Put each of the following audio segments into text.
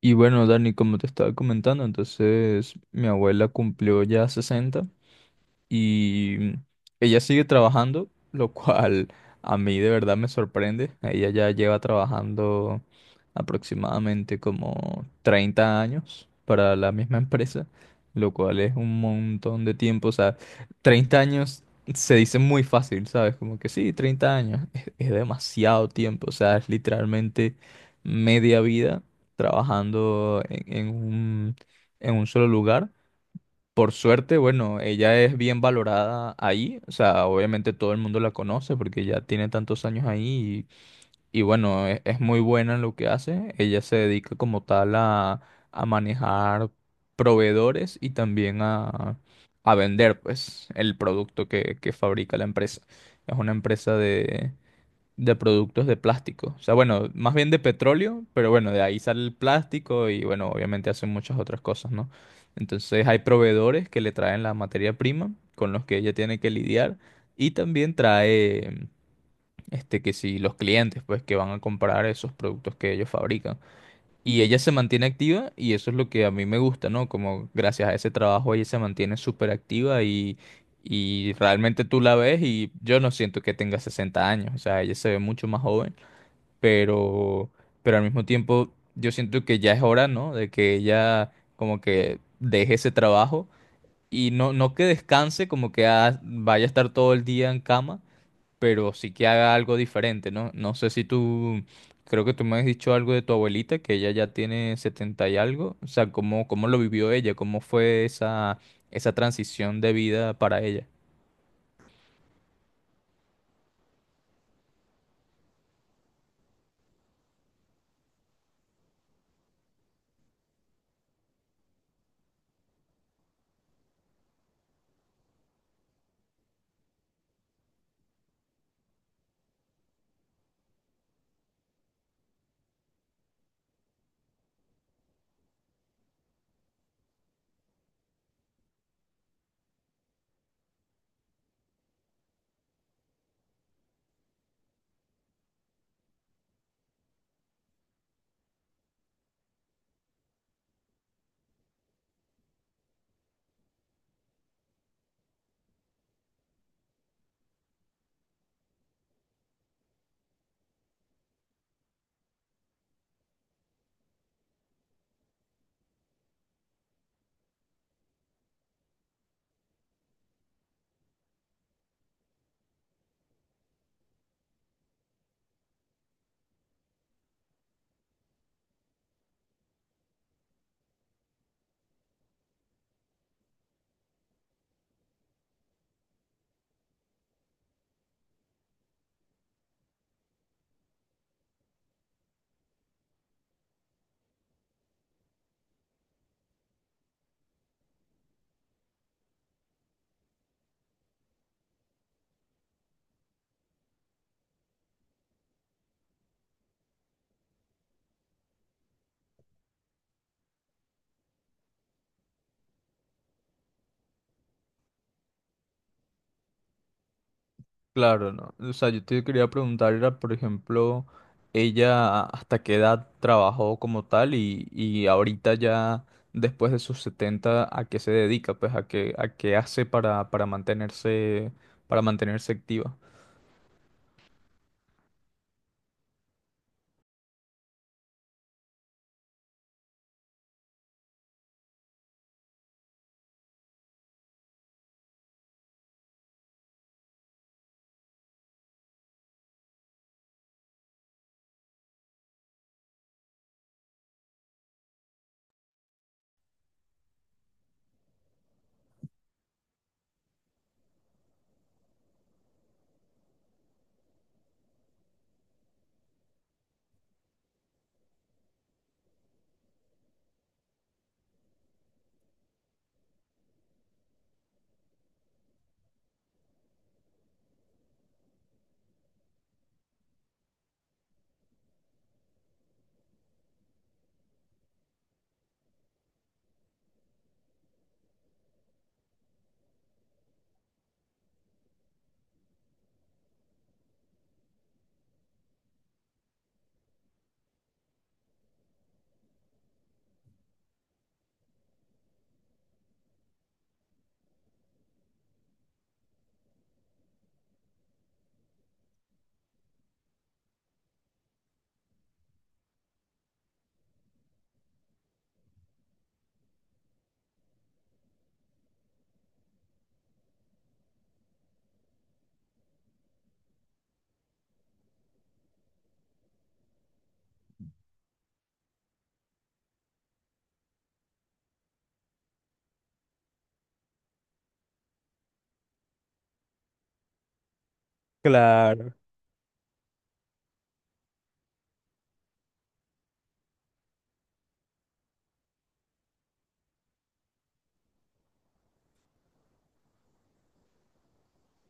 Y bueno, Dani, como te estaba comentando, entonces mi abuela cumplió ya 60 y ella sigue trabajando, lo cual a mí de verdad me sorprende. Ella ya lleva trabajando aproximadamente como 30 años para la misma empresa, lo cual es un montón de tiempo. O sea, 30 años se dice muy fácil, ¿sabes? Como que sí, 30 años es demasiado tiempo. O sea, es literalmente media vida trabajando en en un solo lugar. Por suerte, bueno, ella es bien valorada ahí, o sea, obviamente todo el mundo la conoce porque ya tiene tantos años ahí y, y bueno, es muy buena en lo que hace. Ella se dedica como tal a manejar proveedores y también a vender, pues, el producto que fabrica la empresa. Es una empresa de productos de plástico. O sea, bueno, más bien de petróleo, pero bueno, de ahí sale el plástico y bueno, obviamente hacen muchas otras cosas, ¿no? Entonces hay proveedores que le traen la materia prima con los que ella tiene que lidiar y también trae, que si los clientes, pues, que van a comprar esos productos que ellos fabrican. Y ella se mantiene activa y eso es lo que a mí me gusta, ¿no? Como gracias a ese trabajo ella se mantiene súper activa y... Y realmente tú la ves y yo no siento que tenga 60 años, o sea, ella se ve mucho más joven pero, pero al mismo tiempo yo siento que ya es hora, ¿no? De que ella como que deje ese trabajo y no, no que descanse, como que ah, vaya a estar todo el día en cama, pero sí que haga algo diferente, ¿no? No sé si tú, creo que tú me has dicho algo de tu abuelita, que ella ya tiene 70 y algo, o sea, ¿cómo, cómo lo vivió ella? ¿Cómo fue esa, esa transición de vida para ella? Claro, no. O sea, yo te quería preguntar, era, por ejemplo, ella hasta qué edad trabajó como tal y ahorita ya después de sus 70, ¿a qué se dedica? Pues a qué hace para mantenerse activa. Claro.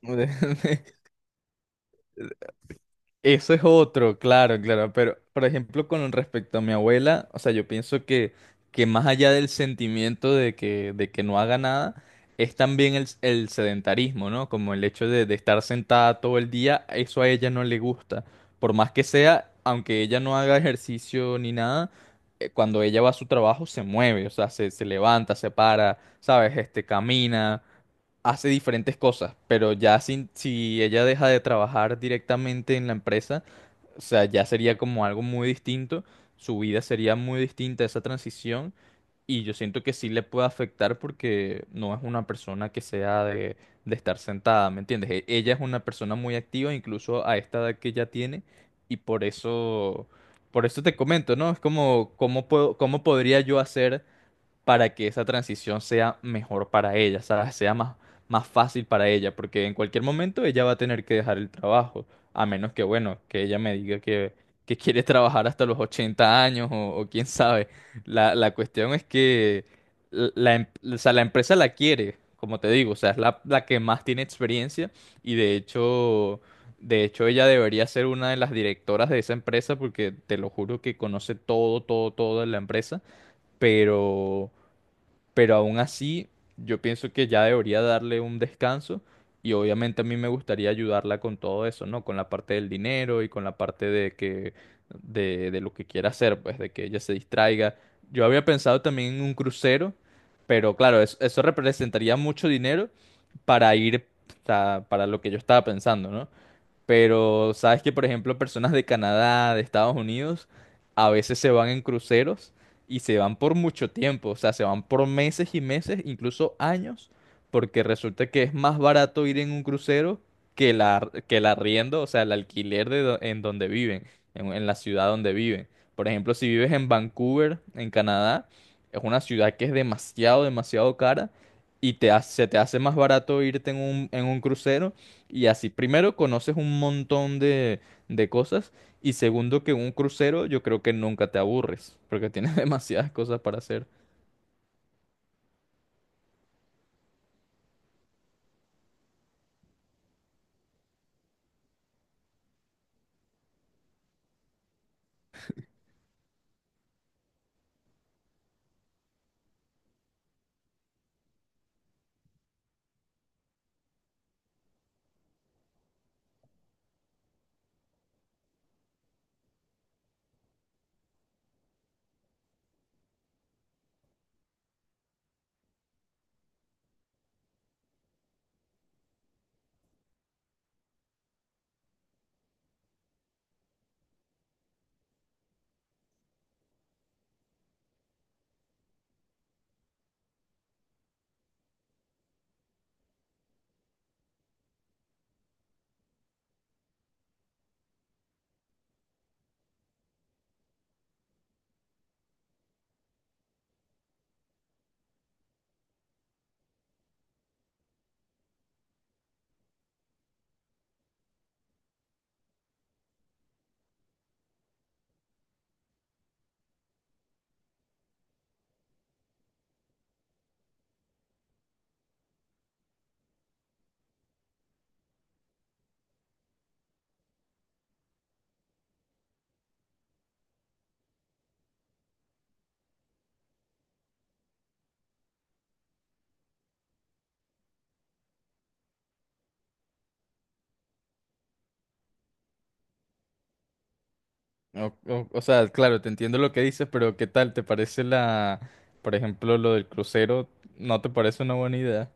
Eso es otro, claro, claro, pero por ejemplo con respecto a mi abuela, o sea, yo pienso que más allá del sentimiento de que no haga nada, es también el sedentarismo, ¿no? Como el hecho de estar sentada todo el día, eso a ella no le gusta. Por más que sea, aunque ella no haga ejercicio ni nada, cuando ella va a su trabajo se mueve, o sea, se levanta, se para, ¿sabes? Camina, hace diferentes cosas, pero ya sin, si ella deja de trabajar directamente en la empresa, o sea, ya sería como algo muy distinto, su vida sería muy distinta a esa transición y yo siento que sí le puede afectar porque no es una persona que sea de estar sentada, ¿me entiendes? E- Ella es una persona muy activa, incluso a esta edad que ya tiene y por eso... Por eso te comento, ¿no? Es como, ¿cómo puedo, cómo podría yo hacer para que esa transición sea mejor para ella, ¿sabes? Sea más, más fácil para ella, porque en cualquier momento ella va a tener que dejar el trabajo, a menos que, bueno, que ella me diga que quiere trabajar hasta los 80 años o quién sabe. La cuestión es que la o sea, la empresa la quiere, como te digo, o sea, es la, la que más tiene experiencia y de hecho... De hecho, ella debería ser una de las directoras de esa empresa porque te lo juro que conoce todo, todo, todo de la empresa pero aún así yo pienso que ya debería darle un descanso y obviamente a mí me gustaría ayudarla con todo eso, ¿no? Con la parte del dinero y con la parte de que de lo que quiera hacer, pues de que ella se distraiga. Yo había pensado también en un crucero, pero claro, eso representaría mucho dinero para ir, o sea, para lo que yo estaba pensando, ¿no? Pero sabes que, por ejemplo, personas de Canadá, de Estados Unidos, a veces se van en cruceros y se van por mucho tiempo, o sea, se van por meses y meses, incluso años, porque resulta que es más barato ir en un crucero que la, que el arriendo, o sea, el alquiler de en donde viven, en la ciudad donde viven. Por ejemplo, si vives en Vancouver, en Canadá, es una ciudad que es demasiado, demasiado cara y se te hace más barato irte en un crucero y así, primero, conoces un montón de cosas. Y segundo, que un crucero yo creo que nunca te aburres, porque tienes demasiadas cosas para hacer. O, o sea, claro, te entiendo lo que dices, pero ¿qué tal? ¿Te parece la, por ejemplo, lo del crucero? ¿No te parece una buena idea?